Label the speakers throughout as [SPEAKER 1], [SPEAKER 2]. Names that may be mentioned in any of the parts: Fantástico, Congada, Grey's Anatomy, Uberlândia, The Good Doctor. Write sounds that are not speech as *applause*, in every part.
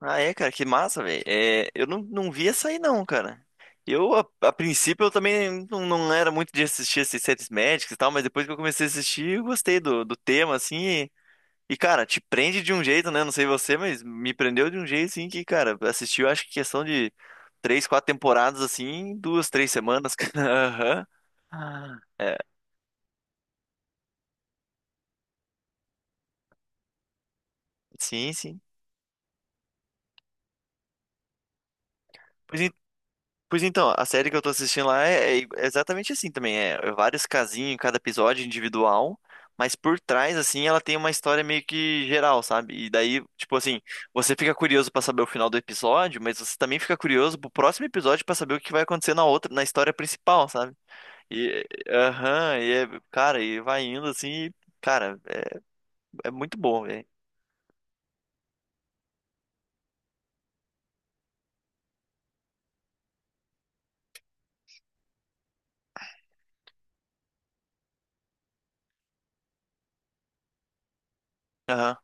[SPEAKER 1] Ah, é, cara, que massa, velho. É, eu não vi essa aí, não, cara. Eu, a princípio, eu também não era muito de assistir esses séries médicas e tal, mas depois que eu comecei a assistir, eu gostei do tema, assim. Cara, te prende de um jeito, né? Não sei você, mas me prendeu de um jeito, assim, que, cara, assistiu, acho que questão de três, quatro temporadas, assim, em duas, três semanas, *laughs* cara. Aham. Ah, é, sim, sim. Pois Pois então, a série que eu tô assistindo lá é exatamente assim também. É vários casinhos em cada episódio individual, mas por trás, assim, ela tem uma história meio que geral, sabe? E daí, tipo assim, você fica curioso pra saber o final do episódio, mas você também fica curioso pro próximo episódio pra saber o que vai acontecer na outra, na história principal, sabe? E, aham, e é, cara, e vai indo assim, e, cara, é, é muito bom, velho. Aham.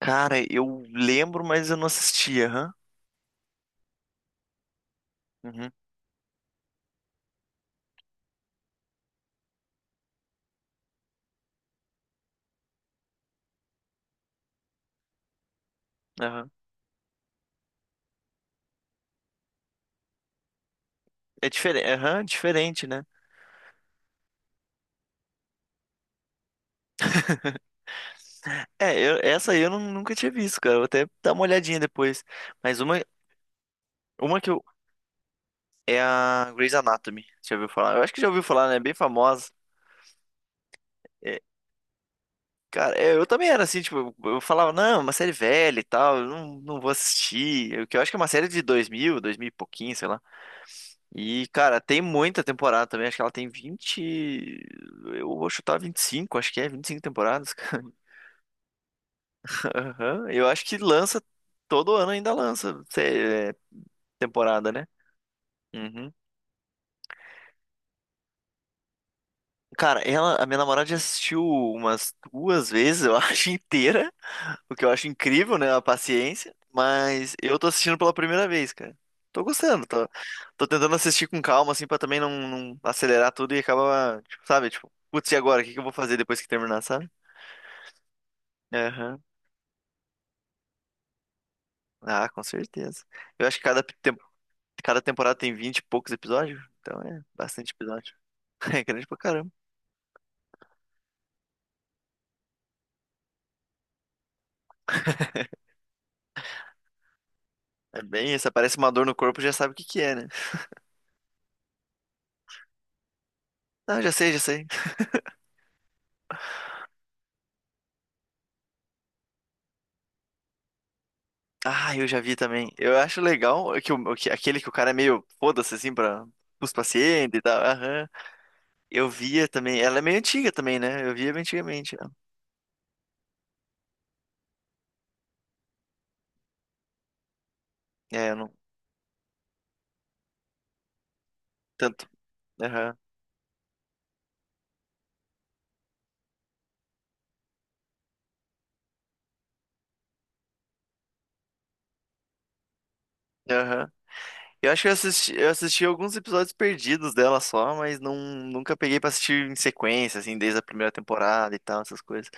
[SPEAKER 1] Cara, eu lembro, mas eu não assisti, aham. Uhum, aham. É diferente, aham, diferente, né? É, essa aí eu nunca tinha visto, cara. Vou até dar uma olhadinha depois. Mas uma que eu. É a Grey's Anatomy. Já ouviu falar? Eu acho que já ouviu falar, né? É bem famosa. É, cara, é, eu também era assim, tipo, eu falava, não, é uma série velha e tal, eu não vou assistir. Eu, que eu acho que é uma série de dois mil e pouquinho, sei lá. E, cara, tem muita temporada também. Acho que ela tem 20, eu vou chutar 25. Acho que é 25 temporadas, *laughs* cara. Aham. Eu acho que lança. Todo ano ainda lança, é, temporada, né? Uhum. Cara, ela, a minha namorada já assistiu umas duas vezes, eu *laughs* acho, inteira, o que eu acho incrível, né, a paciência, mas eu tô assistindo pela primeira vez, cara. Tô gostando, tô, tô tentando assistir com calma, assim, pra também não acelerar tudo e acabar, tipo, sabe, tipo, putz, e agora, o que que eu vou fazer depois que terminar, sabe? Aham. Ah, com certeza. Eu acho que cada, cada temporada tem 20 e poucos episódios, então é bastante episódio. *laughs* É grande pra caramba. É bem isso, aparece uma dor no corpo, já sabe o que que é, né? Não, já sei, já sei. Ah, eu já vi também. Eu acho legal que, o, que aquele que o cara é meio foda-se assim para os pacientes e tal. Aham. Eu via também. Ela é meio antiga também, né? Eu via antigamente, né? É, eu não tanto. Aham. Aham. Eu acho que eu assisti alguns episódios perdidos dela só, mas não, nunca peguei pra assistir em sequência, assim, desde a primeira temporada e tal, essas coisas.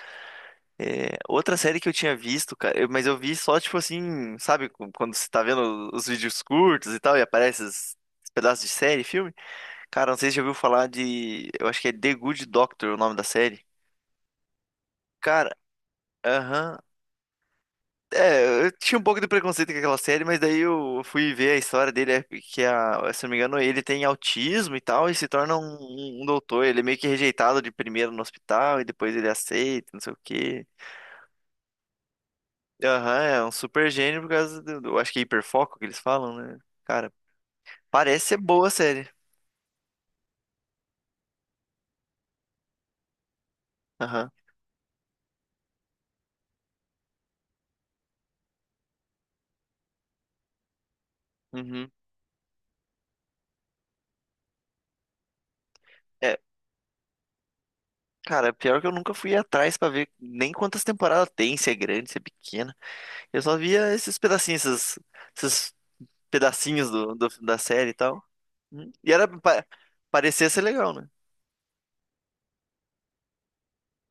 [SPEAKER 1] É, outra série que eu tinha visto, cara, mas eu vi só, tipo assim, sabe, quando você tá vendo os vídeos curtos e tal, e aparece esses pedaços de série, filme? Cara, não sei se você já ouviu falar de. Eu acho que é The Good Doctor o nome da série. Cara, aham. É, eu tinha um pouco de preconceito com aquela série, mas daí eu fui ver a história dele, é que a, se eu não me engano, ele tem autismo e tal, e se torna um, um doutor. Ele é meio que rejeitado de primeiro no hospital, e depois ele aceita, não sei o quê. Aham, é um super gênio por causa do, eu acho que é hiperfoco que eles falam, né? Cara, parece ser boa a série. Aham. Uhum. Cara, pior que eu nunca fui atrás pra ver nem quantas temporadas tem, se é grande, se é pequena. Eu só via esses pedacinhos, esses, esses pedacinhos do, da série e tal. Hum. E era parecia ser legal, né?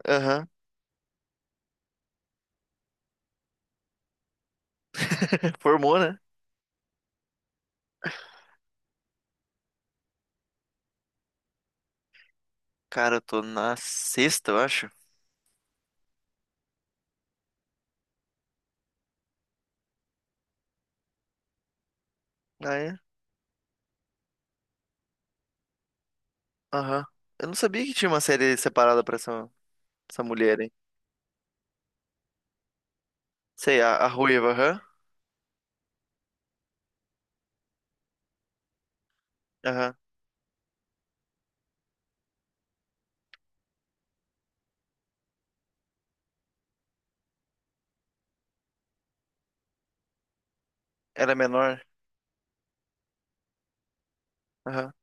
[SPEAKER 1] Aham. *laughs* Formou, né? Cara, eu tô na sexta, eu acho. Ah, é? Aham. Eu não sabia que tinha uma série separada pra essa, essa mulher, hein? Sei, a ruiva, aham. Aham. Ela é menor. Aham.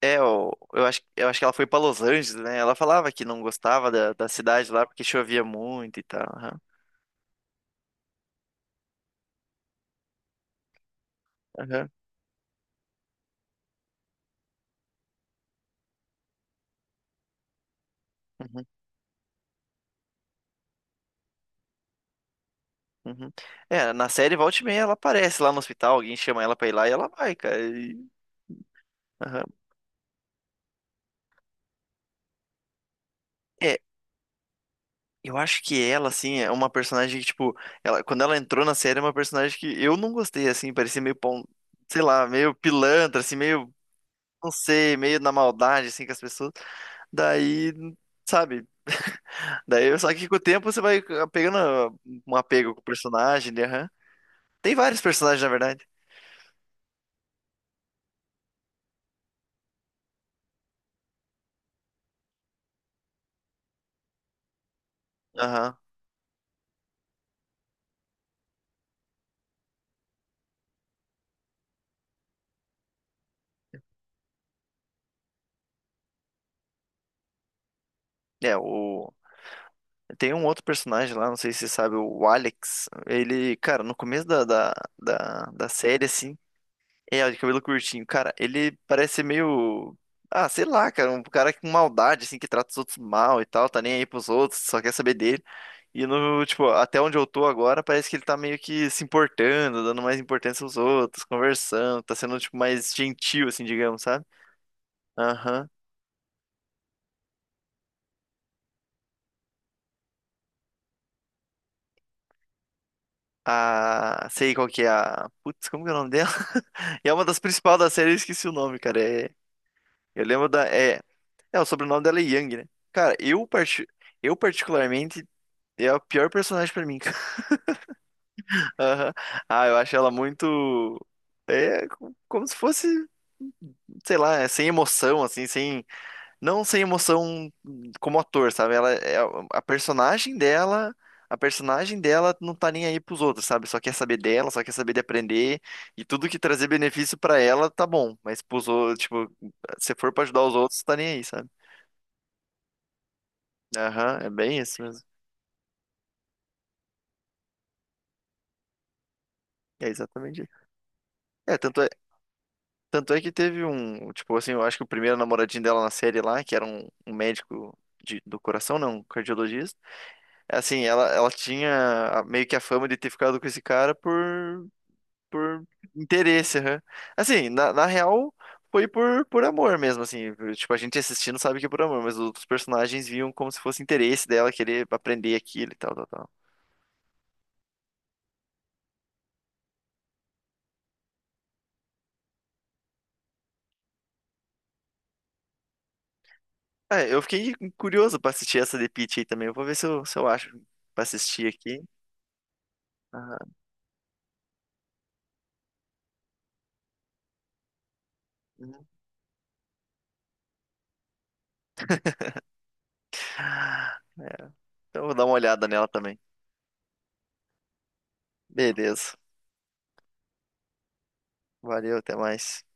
[SPEAKER 1] É, eu acho que ela foi pra Los Angeles, né? Ela falava que não gostava da cidade lá porque chovia muito e tal. Aham, aham, uhum, uhum. É, na série volta e meia ela aparece lá no hospital, alguém chama ela pra ir lá e ela vai, cara. Aham. É, eu acho que ela, assim, é uma personagem que, tipo, ela, quando ela entrou na série, é uma personagem que eu não gostei, assim, parecia meio, pão, sei lá, meio pilantra, assim, meio, não sei, meio na maldade, assim, com as pessoas. Daí, sabe? Daí, só que com o tempo você vai ah, pegando ah, um apego com o personagem, né? Aham. Tem vários personagens, na verdade. Aham. É, o... Tem um outro personagem lá, não sei se você sabe, o Alex. Ele, cara, no começo da, da série, assim, é, o de cabelo curtinho. Cara, ele parece ser meio. Ah, sei lá, cara. Um cara com maldade, assim, que trata os outros mal e tal, tá nem aí pros outros, só quer saber dele. E no, tipo, até onde eu tô agora, parece que ele tá meio que se importando, dando mais importância aos outros, conversando, tá sendo, tipo, mais gentil, assim, digamos, sabe? Aham. A. Sei qual que é a. Putz, como que é o nome dela? *laughs* E é uma das principais da série, eu esqueci o nome, cara. É... Eu lembro da. É... é, o sobrenome dela é Young, né? Cara, eu, eu particularmente. E é o pior personagem pra mim, cara. *laughs* Aham. Ah, eu acho ela muito. É como se fosse, sei lá, é sem emoção, assim, sem. Não sem emoção como ator, sabe? Ela é a personagem dela. A personagem dela não tá nem aí pros outros, sabe? Só quer saber dela, só quer saber de aprender. E tudo que trazer benefício pra ela, tá bom. Mas pros outros, tipo, se for pra ajudar os outros, tá nem aí, sabe? Aham, é bem isso mesmo. É exatamente isso. É, tanto é que teve um, tipo assim, eu acho que o primeiro namoradinho dela na série lá, que era um, um médico do coração, não, um cardiologista. É assim, ela tinha meio que a fama de ter ficado com esse cara por interesse, aham. Assim, na, na real, foi por amor mesmo, assim. Tipo, a gente assistindo sabe que é por amor, mas os outros personagens viam como se fosse interesse dela querer aprender aquilo e tal, tal, tal. É, eu fiquei curioso pra assistir essa de Peach aí também. Eu vou ver se eu, se eu acho pra assistir aqui. Aham. Uhum. Eu vou dar uma olhada nela também. Beleza. Valeu, até mais.